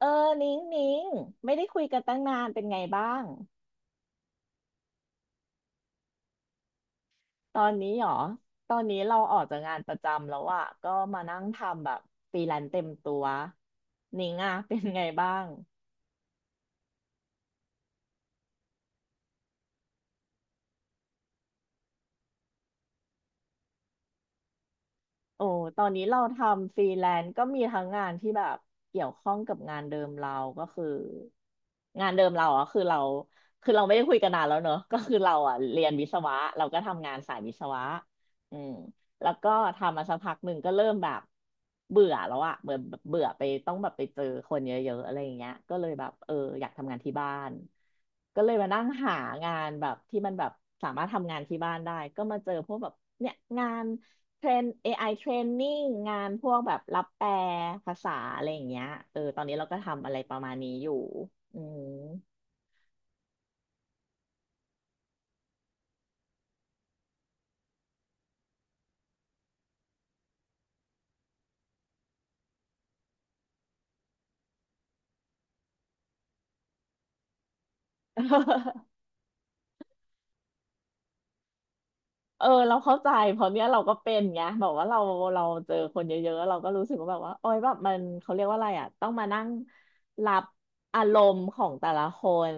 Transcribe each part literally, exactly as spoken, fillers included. เออนิ้งนิ้งไม่ได้คุยกันตั้งนานเป็นไงบ้างตอนนี้หรอตอนนี้เราออกจากงานประจำแล้วอะก็มานั่งทำแบบฟรีแลนซ์เต็มตัวนิ้งอะ เป็นไงบ้าง โอ้ตอนนี้เราทำฟรีแลนซ์ก็มีทั้งงานที่แบบเกี่ยวข้องกับงานเดิมเราก็คืองานเดิมเราอ่ะคือเราคือเราไม่ได้คุยกันนานแล้วเนอะก็คือเราอ่ะเรียนวิศวะเราก็ทำงานสายวิศวะอืมแล้วก็ทำมาสักพักหนึ่งก็เริ่มแบบเบื่อแล้วอ่ะเบื่อเบื่อไปต้องแบบไปเจอคนเยอะๆอะไรอย่างเงี้ยก็เลยแบบเอออยากทำงานที่บ้านก็เลยมานั่งหางานแบบที่มันแบบสามารถทำงานที่บ้านได้ก็มาเจอพวกแบบเนี่ยงาน เทรน เอ ไอ training งานพวกแบบรับแปลภาษาอะไรอย่างเงี้ยเออตอนนี้เราก็ทำอะไรประมาณนี้อยู่อืม เออเราเข้าใจเพราะเนี้ยเราก็เป็นไงแบบว่าเราเราเจอคนเยอะๆเราก็รู้สึกว่าแบบว่าโอ๊ยแบบมันเขาเรียกว่าอะไรอ่ะต้องมานั่งรับอารมณ์ของแต่ละคน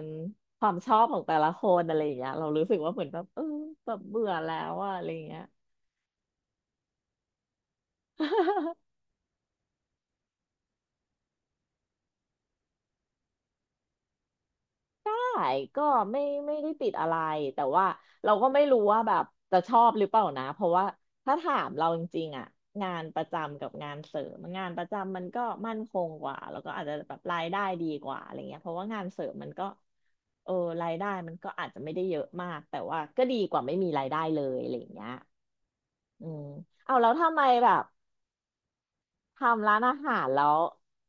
ความชอบของแต่ละคนอะไรอย่างเงี้ยเรารู้สึกว่าเหมือนแบบเออแบบเบื่อแล้วอะอะไรอย่างเงี้ย ใายก็ไม่ไม่ได้ติดอะไรแต่ว่าเราก็ไม่รู้ว่าแบบจะชอบหรือเปล่านะเพราะว่าถ้าถามเราจริงๆอ่ะงานประจำกับงานเสริมงานประจำมันก็มั่นคงกว่าแล้วก็อาจจะแบบรายได้ดีกว่าอะไรเงี้ยเพราะว่างานเสริมมันก็เออรายได้มันก็อาจจะไม่ได้เยอะมากแต่ว่าก็ดีกว่าไม่มีรายได้เลยอะไรเงี้ยอืมเอาแล้วทำไมแบบทำร้านอาหารแล้ว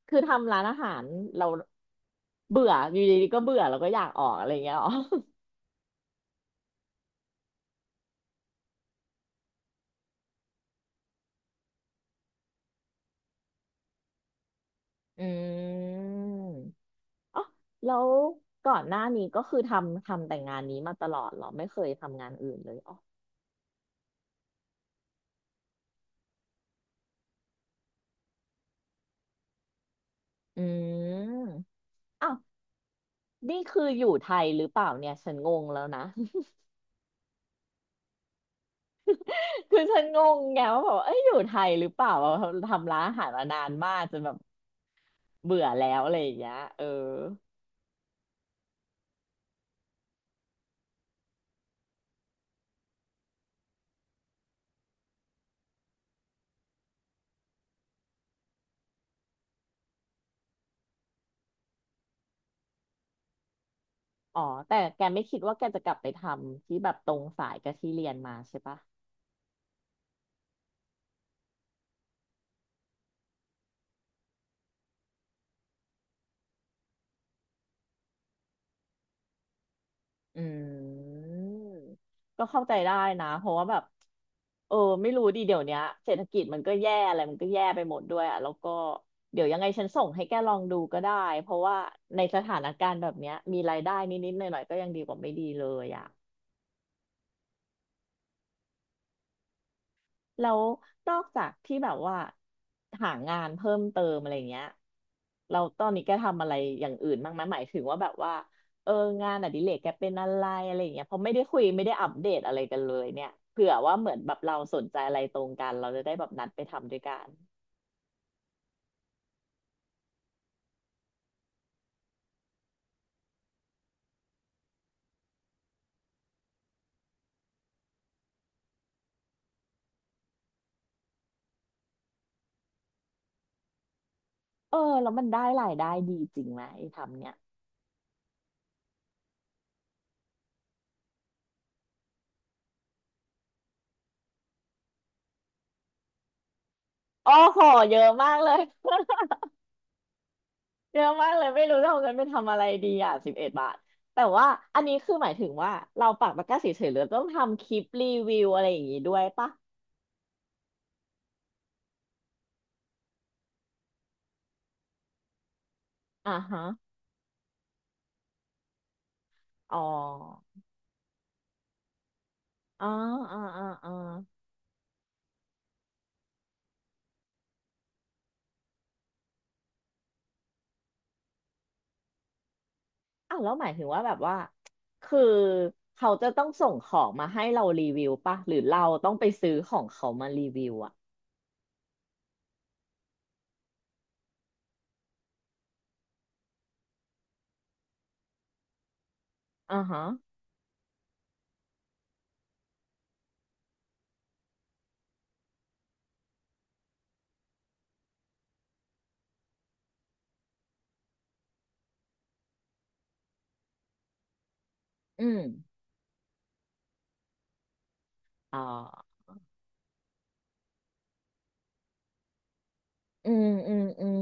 คือทำร้านอาหารเราเบื่ออยู่ดีๆก็เบื่อแล้วก็อยากออกอะไรเงี้ยหรอ อืมอ๋อแล้วก่อนหน้านี้ก็คือทำทำแต่งานนี้มาตลอดเหรอไม่เคยทำงานอื่นเลยอ๋ออืมอ้าวนี่คืออยู่ไทยหรือเปล่าเนี่ยฉันงงแล้วนะ คือฉันงงไงว่าแบบเอ้ยอยู่ไทยหรือเปล่าทำร้านอาหารมานานมากจนแบบเบื่อแล้วอะไรอย่างเงี้ยเอออ๋อแต่แกไม่คิดว่าแกจะกลับไปทำที่แบบตรงสายกับที่เรียนมาใช่ปะ อืมก็เข้าใจได้นะเพราะว่าแบบเออไม่รู้ดีเดี๋ยวเนี้ยเศรษฐกิจมันก็แย่อะไรมันก็แย่ไปหมดด้วยอ่ะแล้วก็เดี๋ยวยังไงฉันส่งให้แกลองดูก็ได้เพราะว่าในสถานการณ์แบบเนี้ยมีรายได้นิดๆหน่อยๆก็ยังดีกว่าไม่ดีเลยอ่ะ แล้วนอกจากที่แบบว่าหางานเพิ่มเติมอะไรเงี้ยเราตอนนี้แกทำอะไรอย่างอื่นบ้างไหมหมายถึงว่าแบบว่าเอองานอดิเรกแกเป็นอะไรอะไรเงี้ยเพราะไม่ได้คุยไม่ได้อัปเดตอะไรกันเลยเนี่ยเผื่อว่าเหมือนแบบเราสนใจอะไรตรงกันเราจะได้แบบนัดไปทำด้วยกันเออแล้วมันได้รายได้ดีจริงไหมไอ้ทำเนี่ยโอ้โหเยอะมากเลย เยอะมากเลยไม่รู้จะเอาเงินไปทำอะไรดีอ่ะสิบเอ็ดบาทแต่ว่าอันนี้คือหมายถึงว่าเราปักตะกร้าเฉยๆหรือต้องทำคลิปรีวิวอะไรอย่างงี้ด้วยปะอ่าฮะอ๋ออ๋ออ๋ออ๋ออ๋ออ่ะแล้วหมายถึงว่าแบบว่าคือเขาจะต้องส่งของมาให้เรารีวิวปะหรือเราต้องไปซื้อของเขามารีวิวอ่ะอ่าฮะอืมอ๋อ อืมอืมอืม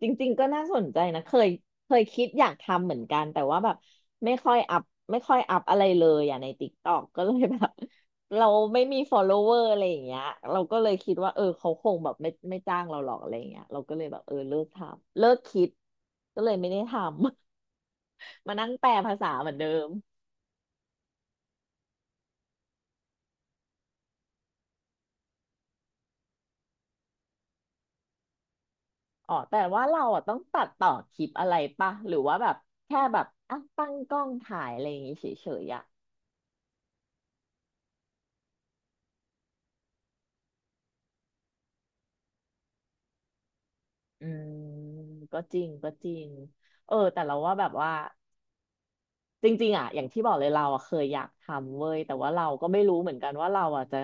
จริงๆก็น่าสนใจนะเคยเคยคิดอยากทำเหมือนกันแต่ว่าแบบไม่ค่อยอัพไม่ค่อยอัพอะไรเลยอ่ะในติ๊กต็อกก็เลยแบบ เราไม่มี follower อะไรอย่างเงี้ยเราก็เลยคิดว่าเออเขาคงแบบไม่ไม่จ้างเราหรอกอะไรอย่างเงี้ยเราก็เลยแบบเออเลิกทำเลิกคิดก็เลยไม่ได้ทำ มานั่งแปลภาษาเหมือนเดิมอ๋อแต่ว่าเราอ่ะต้องตัดต่อคลิปอะไรปะหรือว่าแบบแค่แบบอ่ะตั้งกล้องถ่ายอะไรอย่างงี้เฉยๆอ่ะ อืมก็จริงก็จริงเออแต่เราว่าแบบว่าจริงๆอ่ะอย่างที่บอกเลยเราอ่ะเคยอยากทำเว้ยแต่ว่าเราก็ไม่รู้เหมือนกันว่าเราอ่ะจะ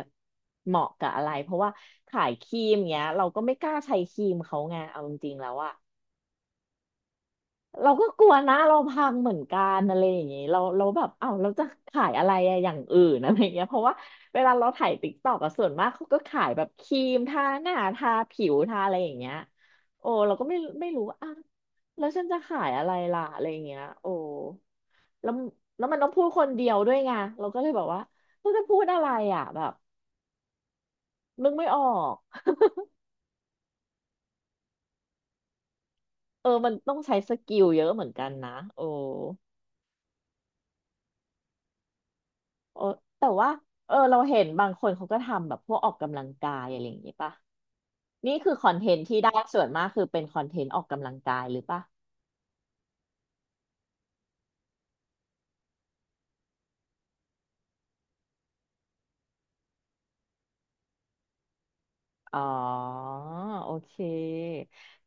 เหมาะกับอะไรเพราะว่าขายครีมเงี้ยเราก็ไม่กล้าใช้ครีมเขาไงเอาจริงๆแล้วอ่ะ เราก็กลัวนะเราพังเหมือนกันอะไรอย่างเงี้ยเราเราแบบเอ้าเราจะขายอะไรอะอย่างอื่นอะไรเงี้ยเพราะว่าเวลาเราถ่ายติ๊กต็อกอะส่วนมากเขาก็ขายแบบครีมทาหน้าทาผิวทาอะไรอย่างเงี้ยโอ้เราก็ไม่ไม่รู้ว่าอ่ะแล้วฉันจะขายอะไรล่ะอะไรอย่างเงี้ยโอ้แล้วแล้วมันต้องพูดคนเดียวด้วยไงเราก็เลยแบบว่าเราจะพูดอะไรอ่ะแบบนึกไม่ออกเออมันต้องใช้สกิลเยอะเหมือนกันนะโอ้ เออแต่ว่าเออเราเห็นบางคนเขาก็ทำแบบพวกออกกำลังกายอะไรอย่างนี้ป่ะนี่คือคอนเทนต์ที่ได้ส่วนมากคือเป็นคอนเทนต์ออกกำลังกายหรือป่ะอ๋อโอเค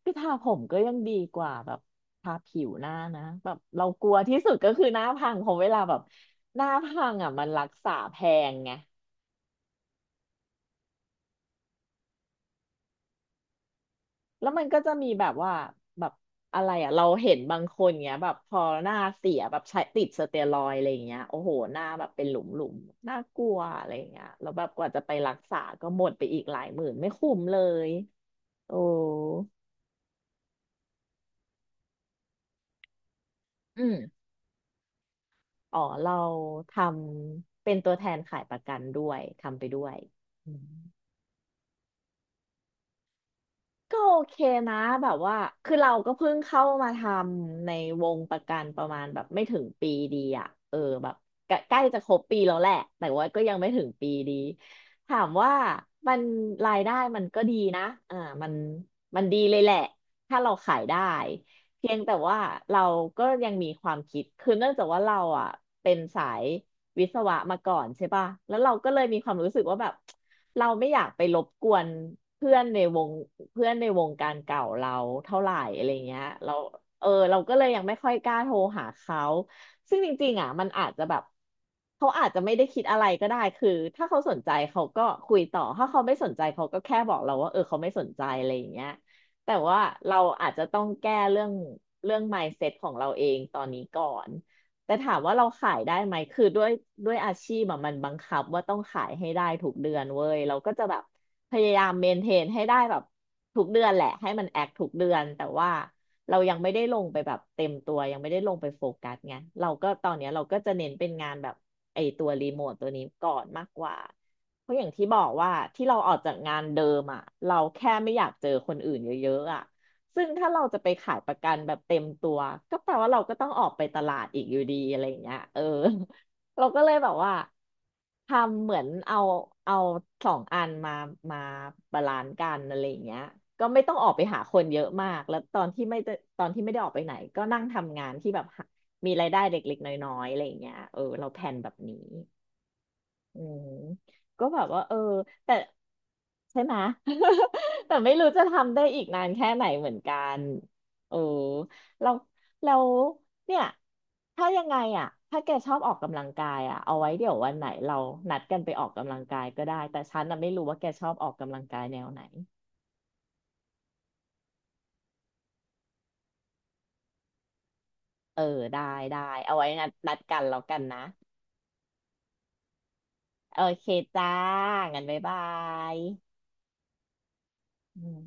คือทาผมก็ยังดีกว่าแบบทาผิวหน้านะแบบเรากลัวที่สุดก็คือหน้าพังเพราะเวลาแบบหน้าพังอ่ะมันรักษาแพงไง แล้วมันก็จะมีแบบว่าแบบอะไรอ่ะเราเห็นบางคนเงี้ยแบบพอหน้าเสียแบบใช้ติดสเตียรอยด์อะไรยเงี้ยโอ้โหหน้าแบบเป็นหลุมหลุมน่ากลัวอะไรอย่างเงี้ยแล้วแบบกว่าจะไปรักษาก็หมดไปอีกหลายหมื่นไม่คุ้มเลยโอ้อืมอ๋อเราทำเป็นตัวแทนขายประกันด้วยทำไปด้วยอืม ก็โอเคนะแบบว่าคือเราก็เพิ่งเข้ามาทำในวงประกันประมาณแบบไม่ถึงปีดีอะเออแบบใกล้ใกล้จะครบปีแล้วแหละแต่ว่าก็ยังไม่ถึงปีดีถามว่ามันรายได้มันก็ดีนะอ่ามันมันดีเลยแหละถ้าเราขายได้เพียงแต่ว่าเราก็ยังมีความคิดคือเนื่องจากว่าเราอ่ะเป็นสายวิศวะมาก่อนใช่ป่ะแล้วเราก็เลยมีความรู้สึกว่าแบบ เราไม่อยากไปรบกวนเพื่อนในวงเพื่อนในวงการเก่าเราเท่าไหร่อะไรเงี้ยเราเออเราก็เลยยังไม่ค่อยกล้าโทรหาเขาซึ่งจริงๆอ่ะมันอาจจะแบบเขาอาจจะไม่ได้คิดอะไรก็ได้คือถ้าเขาสนใจเขาก็คุยต่อถ้าเขาไม่สนใจเขาก็แค่บอกเราว่าเออเขาไม่สนใจอะไรอย่างเงี้ยแต่ว่าเราอาจจะต้องแก้เรื่องเรื่อง mindset ของเราเองตอนนี้ก่อน แต่ถามว่าเราขายได้ไหมคือด้วยด้วยอาชีพอะมันบังคับว่าต้องขายให้ได้ทุกเดือนเว้ยเราก็จะแบบพยายามเมนเทนให้ได้แบบทุกเดือนแหละให้มันแอคทุกเดือนแต่ว่าเรายังไม่ได้ลงไปแบบเต็มตัวยังไม่ได้ลงไปโฟกัสไงเราก็ตอนเนี้ยเราก็จะเน้นเป็นงานแบบไอตัวรีโมทตัวนี้ก่อนมากกว่าเพราะอย่างที่บอกว่าที่เราออกจากงานเดิมอ่ะเราแค่ไม่อยากเจอคนอื่นเยอะๆอ่ะ ซึ่งถ้าเราจะไปขายประกันแบบเต็มตัวก็แปลว่าเราก็ต้องออกไปตลาดอีกอยู่ดีอะไรอย่างเงี้ยเออ เราก็เลยแบบว่าทำเหมือนเอาเอาสองอันมามาบาลานซ์กันอะไรอย่างเงี้ยก็ไม่ต้องออกไปหาคนเยอะมากแล้วตอนที่ไม่ได้ตอนที่ไม่ได้ออกไปไหนก็นั่งทำงานที่แบบหามีรายได้เล็กๆน้อยๆอะไรอย่างเงี้ยเออเราแผนแบบนี้ อืมก็แบบว่าเออแต่ใช่ไหม แต่ไม่รู้จะทำได้อีกนานแค่ไหนเหมือนกันเออเราเราเนี่ยถ้ายังไงอ่ะถ้าแกชอบออกกำลังกายอ่ะเอาไว้เดี๋ยววันไหนเรานัดกันไปออกกำลังกายก็ได้แต่ฉันน่ะไม่รู้ว่าแกชอบออกกำลังกายแนวไหนเออได้ได้เอาไว้นัดนัดกันแล้วกันนะโอเคจ้างั้นบ๊ายบายอืม